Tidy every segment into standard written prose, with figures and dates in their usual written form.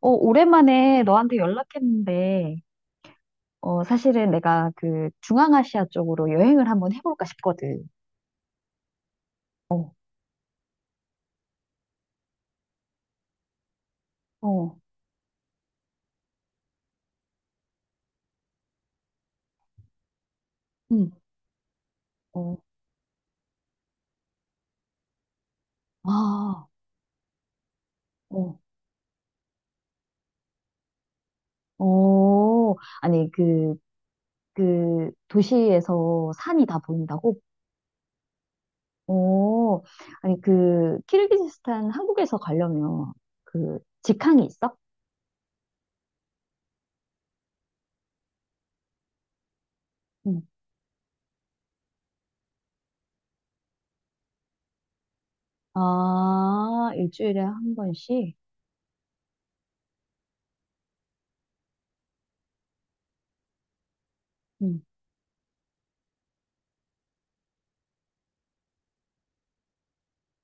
어, 오랜만에 너한테 연락했는데, 어, 사실은 내가 그 중앙아시아 쪽으로 여행을 한번 해볼까 싶거든. 어, 어, 응, 어, 아, 어, 어. 아니, 그 도시에서 산이 다 보인다고? 어, 아니, 그, 키르기즈스탄 한국에서 가려면 그 직항이 있어? 응. 아, 일주일에 한 번씩? 응,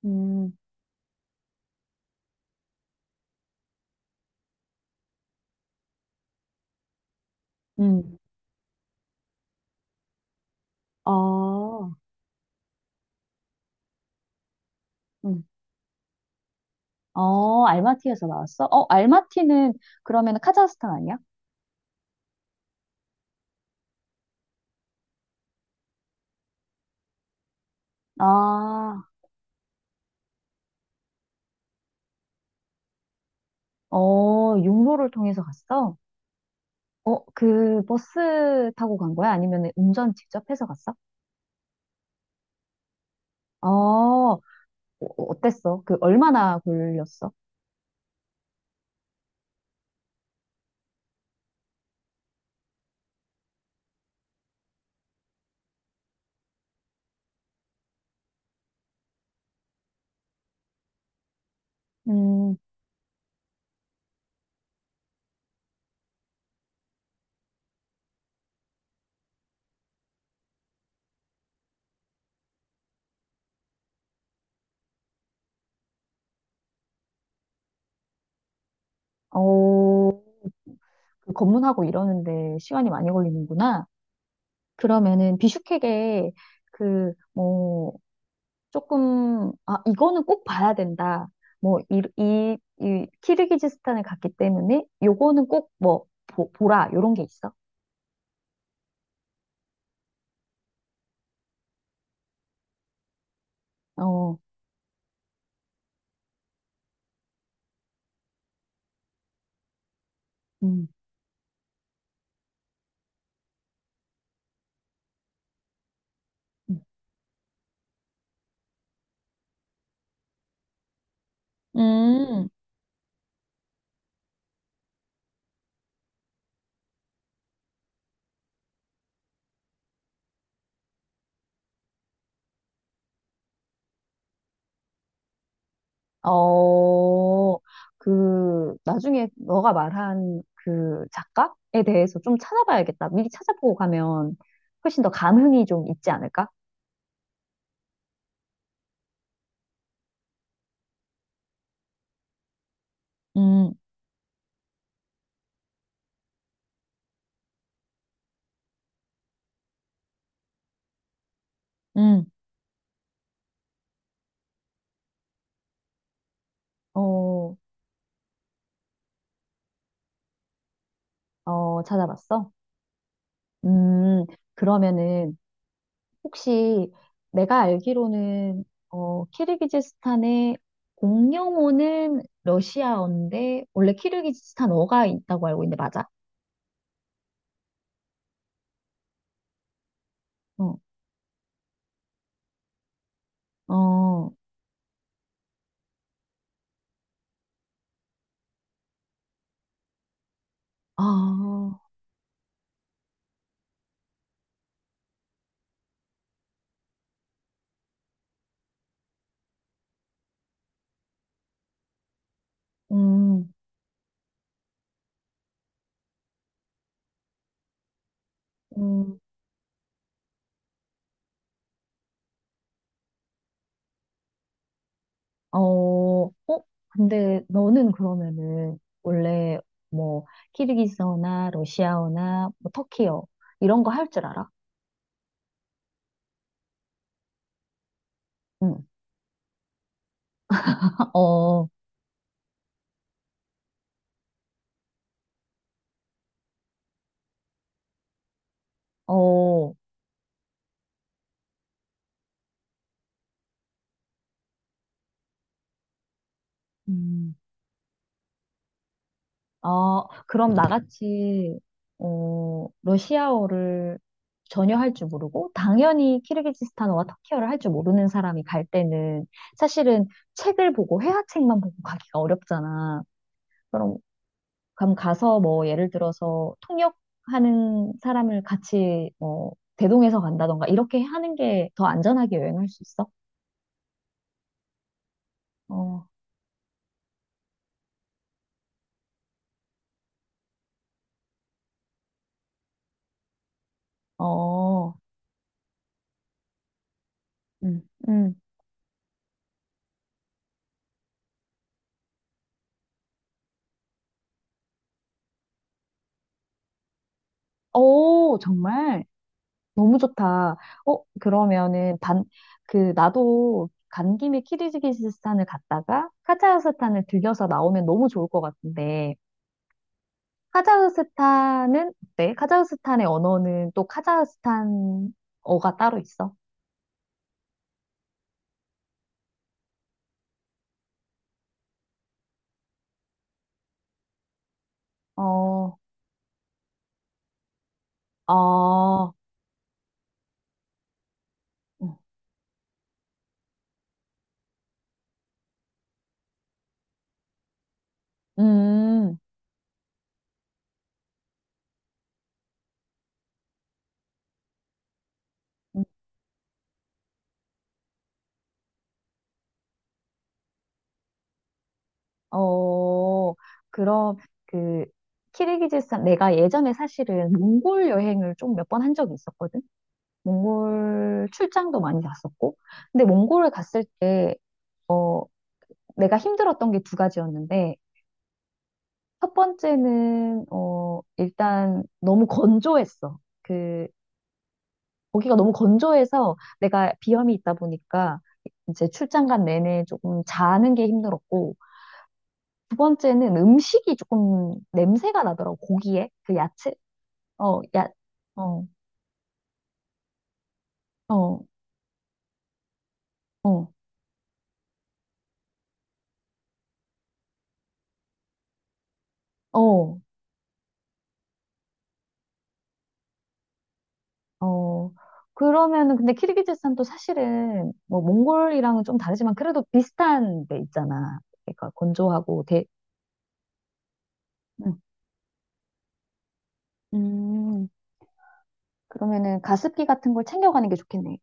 음, 음. 아, 어, 알마티에서 나왔어? 어, 알마티는 그러면 카자흐스탄 아니야? 아, 어, 육로를 통해서 갔어? 어, 그 버스 타고 간 거야? 아니면 운전 직접 해서 갔어? 어, 어, 어땠어? 그 얼마나 걸렸어? 음, 어, 그 검문하고 이러는데 시간이 많이 걸리는구나. 그러면은 비슈케게 그, 뭐, 조금, 아, 이거는 꼭 봐야 된다. 뭐, 이 키르기즈스탄을 갔기 때문에 요거는 꼭 뭐, 보라. 요런 게 있어. 어, 음, 음, 음, 어, 그, 나중에 너가 말한 그 작가에 대해서 좀 찾아봐야겠다. 미리 찾아보고 가면 훨씬 더 감흥이 좀 있지 않을까? 음, 음, 어, 어, 찾아봤어? 음, 그러면은, 혹시 내가 알기로는 어, 키르기즈스탄의 공용어는 러시아어인데 원래 키르기즈스탄어가 있다고 알고 있는데 맞아? 어, 어, 아, 음, 음, 어, 어, 근데 너는 그러면은 원래 뭐 키르기스어나 러시아어나 뭐 터키어 이런 거 할 줄 알아? 응, 어, 어, 음. 어, 그럼 나같이, 어, 러시아어를 전혀 할 줄 모르고, 당연히 키르기즈스탄어와 터키어를 할 줄 모르는 사람이 갈 때는 사실은 책을 보고, 회화책만 보고 가기가 어렵잖아. 그럼, 가서 뭐, 예를 들어서 통역하는 사람을 같이, 뭐, 대동해서 간다던가, 이렇게 하는 게 더 안전하게 여행할 수 있어? 어, 어, 음. 음. 오, 정말? 너무 좋다. 어, 그러면은 그, 나도 간 김에 키르기즈스탄을 갔다가 카자흐스탄을 들려서 나오면 너무 좋을 것 같은데, 카자흐스탄은 어때? 카자흐스탄의 언어는 또 카자흐스탄어가 따로 있어? 어, 어, 음, 음, 어, 그럼 그, 키르기즈스탄, 내가 예전에 사실은 몽골 여행을 좀 몇 번 한 적이 있었거든? 몽골 출장도 많이 갔었고. 근데 몽골을 갔을 때 어, 내가 힘들었던 게 두 가지였는데, 첫 번째는, 어, 일단 너무 건조했어. 그, 거기가 너무 건조해서 내가 비염이 있다 보니까 이제 출장 간 내내 조금 자는 게 힘들었고, 두 번째는 음식이 조금 냄새가 나더라고, 고기에. 그 야채? 어, 야, 어, 어, 어, 어. 어, 그러면은, 근데 키르기즈스탄도 사실은, 뭐, 몽골이랑은 좀 다르지만, 그래도 비슷한 데 있잖아. 그러니까 건조하고, 음, 음, 그러면은 가습기 같은 걸 챙겨가는 게 좋겠네.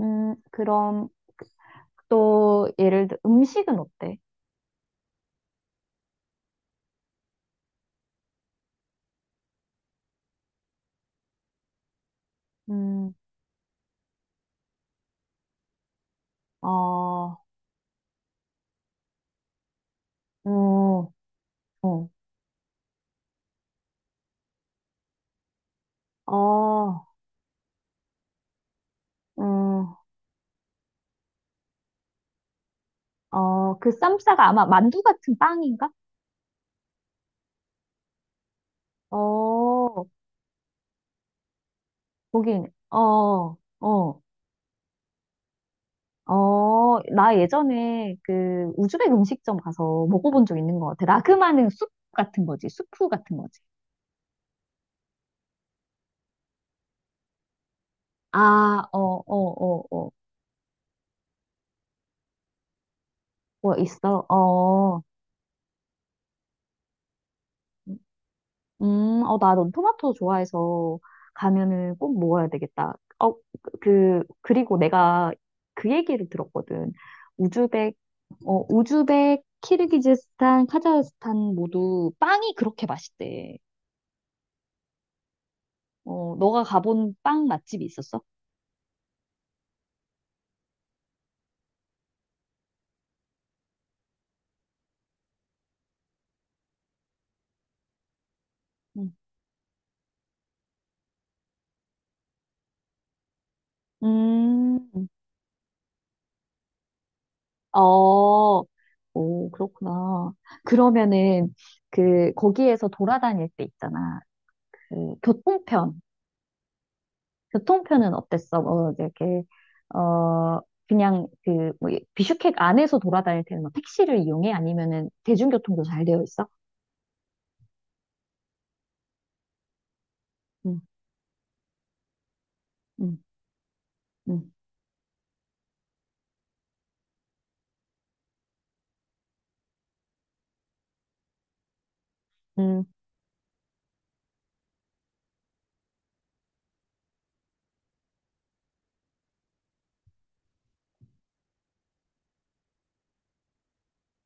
그럼 또 예를 들어 음식은 어때? 음, 어, 어, 어, 어, 음, 어, 그 쌈싸가 아마 만두 같은 빵인가? 어, 거긴, 어, 어. 어, 나 예전에 그 우즈벡 음식점 가서 먹어본 적 있는 것 같아. 라그마는 숲 같은 거지. 수프 같은 거지. 아, 어, 어, 어, 어. 뭐 있어? 어. 어, 나 넌 토마토 좋아해서 가면은 꼭 먹어야 되겠다. 어, 그, 그리고 내가 그 얘기를 들었거든. 우즈벡, 키르기즈스탄, 카자흐스탄 모두 빵이 그렇게 맛있대. 어, 너가 가본 빵 맛집이 있었어? 응. 음, 어, 오, 그렇구나. 그러면은, 그, 거기에서 돌아다닐 때 있잖아. 그, 교통편. 교통편은 어땠어? 뭐, 이제 이렇게, 어, 그냥 그, 뭐, 비슈크 안에서 돌아다닐 때는 뭐 택시를 이용해? 아니면은 대중교통도 잘 되어 있어? 음, 음, 음, 음,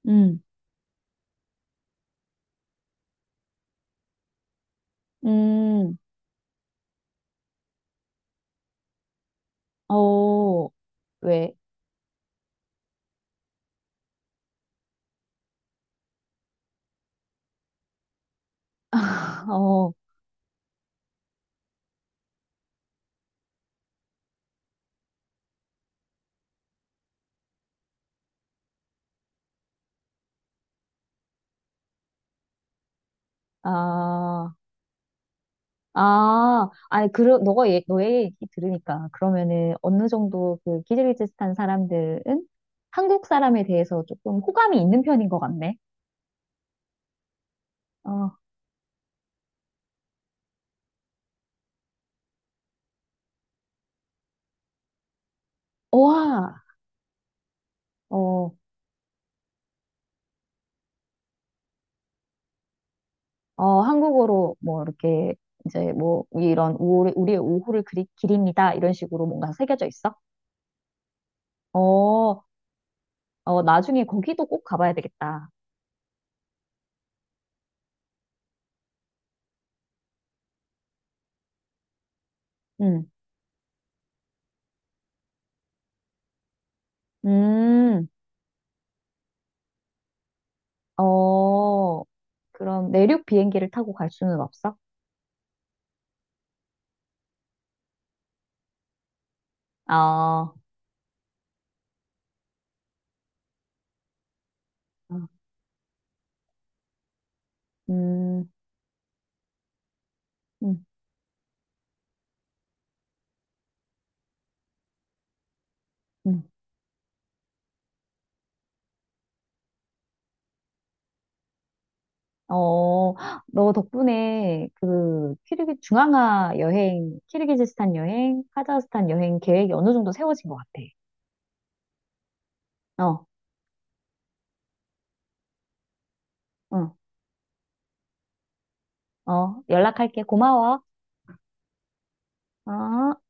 음, 음, 어, 왜? 어, 아. 아, 아니, 너가, 얘, 너의 얘기 들으니까, 그러면은, 어느 정도 그 키르기즈스탄 사람들은 한국 사람에 대해서 조금 호감이 있는 편인 것 같네. 어, 와, 어, 어, 한국어로 뭐, 이렇게, 이제 뭐, 이런, 우리의 오후를 기립니다. 이런 식으로 뭔가 새겨져 있어? 어, 어, 나중에 거기도 꼭 가봐야 되겠다. 음, 음, 어, 그럼 내륙 비행기를 타고 갈 수는 없어? 아, 어, 음. 음. 음. 어, 너 덕분에 그 키르기즈스탄 여행, 카자흐스탄 여행 계획이 어느 정도 세워진 것 같아. 어, 응, 어, 연락할게. 고마워. 어.